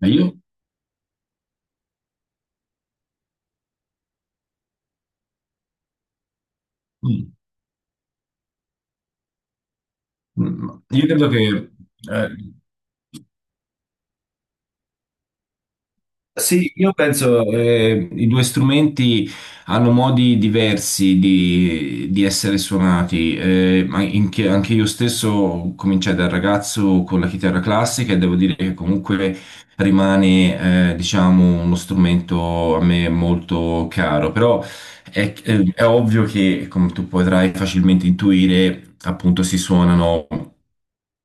Ma io, mm, mm, io credo che eh, Sì, io penso i due strumenti hanno modi diversi di essere suonati. Anche io stesso cominciai da ragazzo con la chitarra classica e devo dire che comunque rimane, diciamo, uno strumento a me molto caro. Però è, è ovvio che, come tu potrai facilmente intuire, appunto si suonano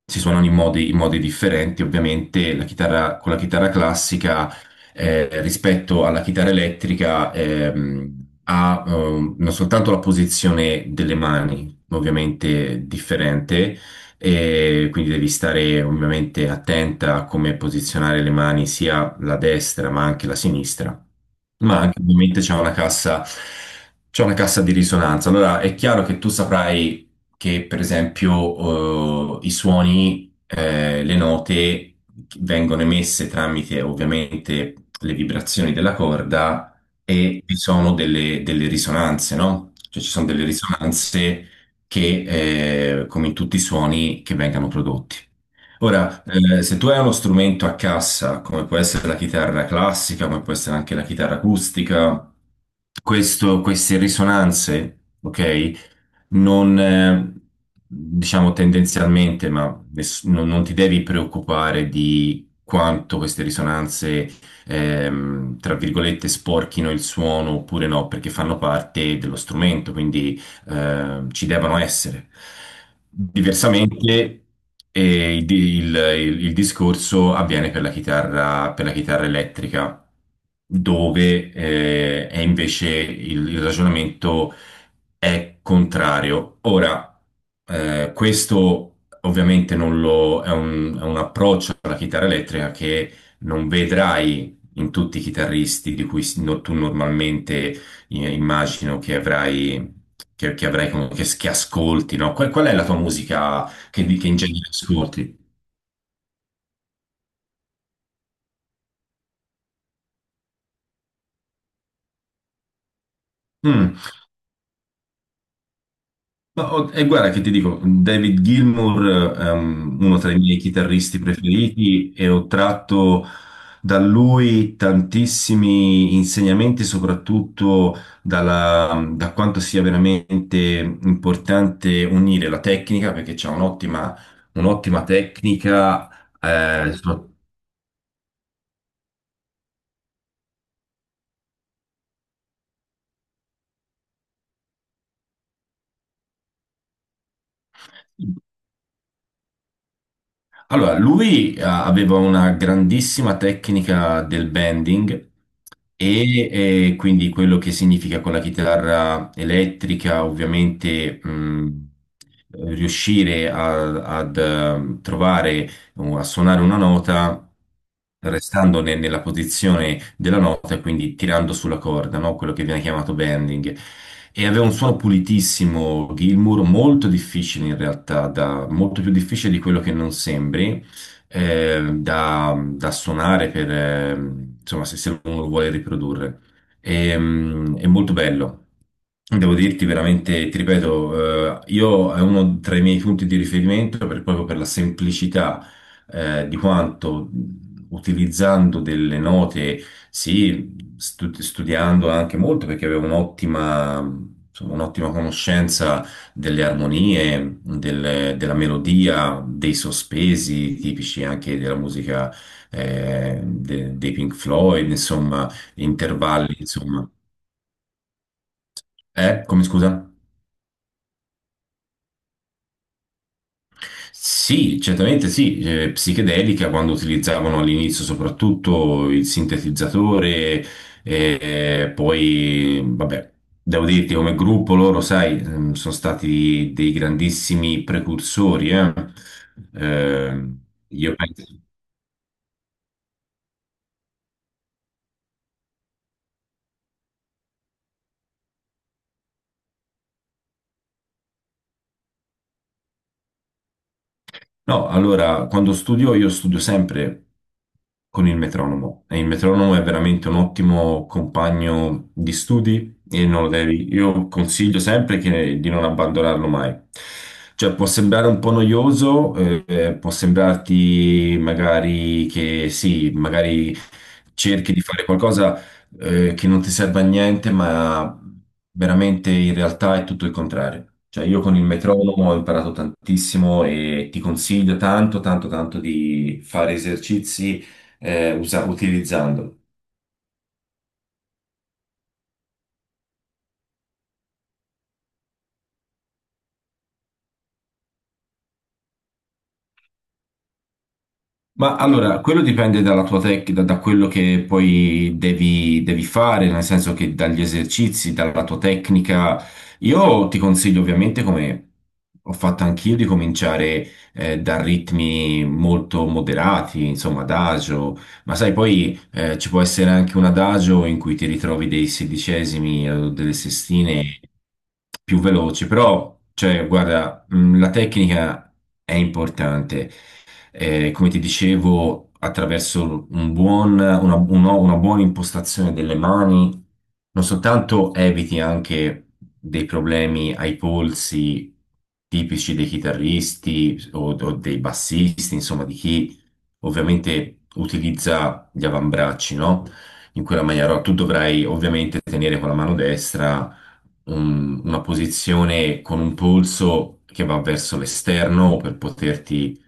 si suonano in modi differenti. Ovviamente la chitarra, con la chitarra classica rispetto alla chitarra elettrica ha non soltanto la posizione delle mani, ovviamente differente, e quindi devi stare ovviamente attenta a come posizionare le mani, sia la destra ma anche la sinistra, ma anche ovviamente c'è una cassa di risonanza. Allora è chiaro che tu saprai che per esempio i suoni, le note vengono emesse tramite ovviamente le vibrazioni della corda e vi sono delle risonanze, no? Cioè ci sono delle risonanze che, come in tutti i suoni, che vengano prodotti. Ora, se tu hai uno strumento a cassa, come può essere la chitarra classica, come può essere anche la chitarra acustica, queste risonanze, ok? non, Diciamo tendenzialmente, ma non ti devi preoccupare di quanto queste risonanze, tra virgolette, sporchino il suono oppure no, perché fanno parte dello strumento, quindi ci devono essere. Diversamente, eh, il, il- il discorso avviene per la chitarra elettrica, dove è invece il ragionamento è contrario. Ora, questo ovviamente non lo, è un approccio alla chitarra elettrica che non vedrai in tutti i chitarristi di cui si- no- tu normalmente immagino che avrai con- che ascolti, no? Qual è la tua musica che in genere ascolti? Mm. E guarda che ti dico, David Gilmour è uno tra i miei chitarristi preferiti e ho tratto da lui tantissimi insegnamenti, soprattutto da quanto sia veramente importante unire la tecnica, perché c'è un'ottima tecnica. eh, so- allora, lui aveva una grandissima tecnica del bending. Quindi quello che significa con la chitarra elettrica, ovviamente, riuscire a- ad trovare, o a suonare una nota restando nella posizione della nota, quindi tirando sulla corda, no? Quello che viene chiamato bending. E aveva un suono pulitissimo, Gilmour, molto difficile in realtà, molto più difficile di quello che non sembri da suonare insomma, se uno lo vuole riprodurre. È molto bello. Devo dirti veramente, ti ripeto, io è uno tra i miei punti di riferimento proprio per la semplicità, di quanto, utilizzando delle note, sì, studiando anche molto, perché avevo un'ottima conoscenza delle armonie, della melodia, dei sospesi tipici anche della musica, dei Pink Floyd, insomma, intervalli, insomma. Come scusa? Sì, certamente sì, psichedelica quando utilizzavano all'inizio soprattutto il sintetizzatore, e poi vabbè, devo dirti come gruppo loro, sai, sono stati dei grandissimi precursori, eh. Eh, io penso. No, allora, quando studio, io studio sempre con il metronomo, e il metronomo è veramente un ottimo compagno di studi e non lo devi, io consiglio sempre di non abbandonarlo mai. Cioè, può sembrare un po' noioso, può sembrarti magari che sì, magari cerchi di fare qualcosa che non ti serve a niente, ma veramente in realtà è tutto il contrario. Cioè, io con il metronomo ho imparato tantissimo, e ti consiglio tanto, tanto, tanto di fare esercizi utilizzandolo. Ma allora, quello dipende dalla tua tecnica, da quello che poi devi fare, nel senso che dagli esercizi, dalla tua tecnica. Io ti consiglio ovviamente, come ho fatto anch'io, di cominciare da ritmi molto moderati, insomma, adagio, ma sai, poi ci può essere anche un adagio in cui ti ritrovi dei sedicesimi o delle sestine più veloci, però, cioè, guarda, la tecnica è importante. Come ti dicevo, attraverso un buon- una buona impostazione delle mani, non soltanto eviti anche dei problemi ai polsi tipici dei chitarristi o dei bassisti, insomma, di chi ovviamente utilizza gli avambracci, no? In quella maniera, no, tu dovrai ovviamente tenere con la mano destra una posizione con un polso che va verso l'esterno per poterti,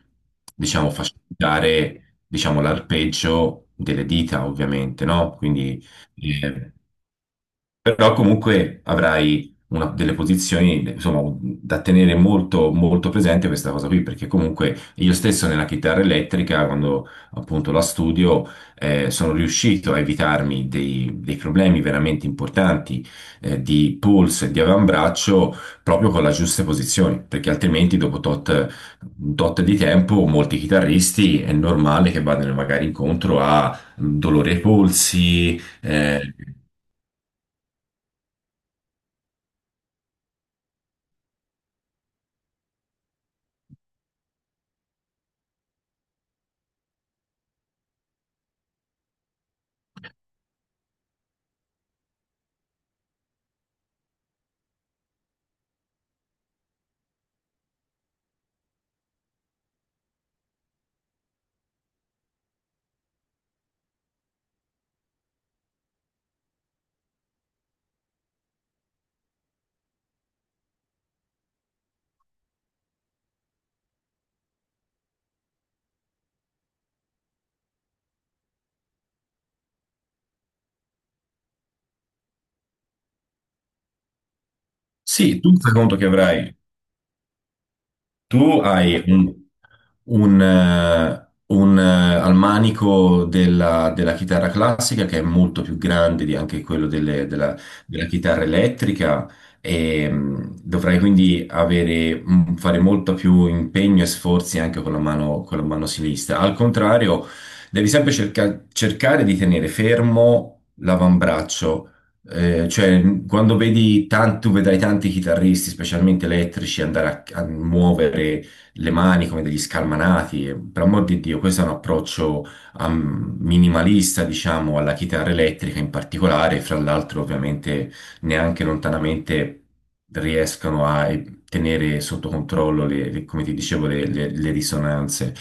diciamo, facilitare, diciamo, l'arpeggio delle dita, ovviamente, no? Quindi eh, però comunque avrai delle posizioni, insomma, da tenere molto, molto presente questa cosa qui, perché comunque io stesso nella chitarra elettrica, quando appunto la studio, sono riuscito a evitarmi dei problemi veramente importanti, di polso e di avambraccio, proprio con le giuste posizioni, perché altrimenti dopo tot di tempo molti chitarristi è normale che vadano magari incontro a dolore ai polsi, eh. Sì, tu fai conto che avrai, tu hai al manico della chitarra classica, che è molto più grande di anche quello della, della chitarra elettrica, e, dovrai quindi avere, fare molto più impegno e sforzi anche con la mano sinistra. Al contrario, devi sempre cercare di tenere fermo l'avambraccio, cioè, quando vedi tanti, tu vedrai tanti chitarristi, specialmente elettrici, andare a muovere le mani come degli scalmanati. Per amor di Dio, questo è un approccio minimalista, diciamo, alla chitarra elettrica in particolare. Fra l'altro, ovviamente, neanche lontanamente riescono a tenere sotto controllo come ti dicevo, le risonanze.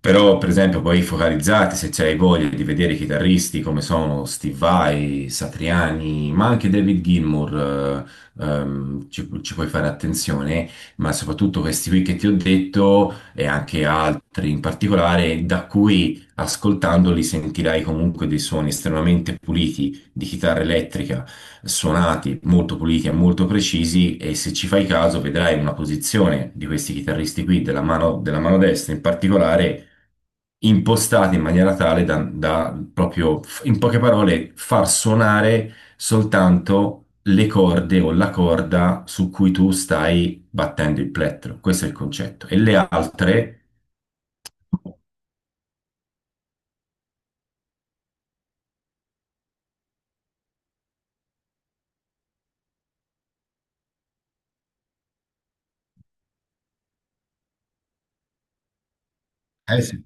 Però, per esempio, poi focalizzati, se c'hai voglia di vedere i chitarristi come sono Steve Vai, Satriani, ma anche David Gilmour, ci puoi fare attenzione, ma soprattutto questi qui che ti ho detto e anche altri in particolare, da cui ascoltandoli sentirai comunque dei suoni estremamente puliti di chitarra elettrica, suonati molto puliti e molto precisi, e se ci fai caso vedrai una posizione di questi chitarristi qui, della mano destra in particolare, impostati in maniera tale da, da proprio, in poche parole, far suonare soltanto le corde o la corda su cui tu stai battendo il plettro. Questo è il concetto. E le altre... Eh sì.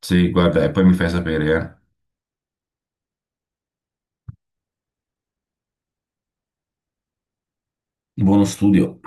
Sì, guarda, e poi mi fai sapere, eh. Buono studio.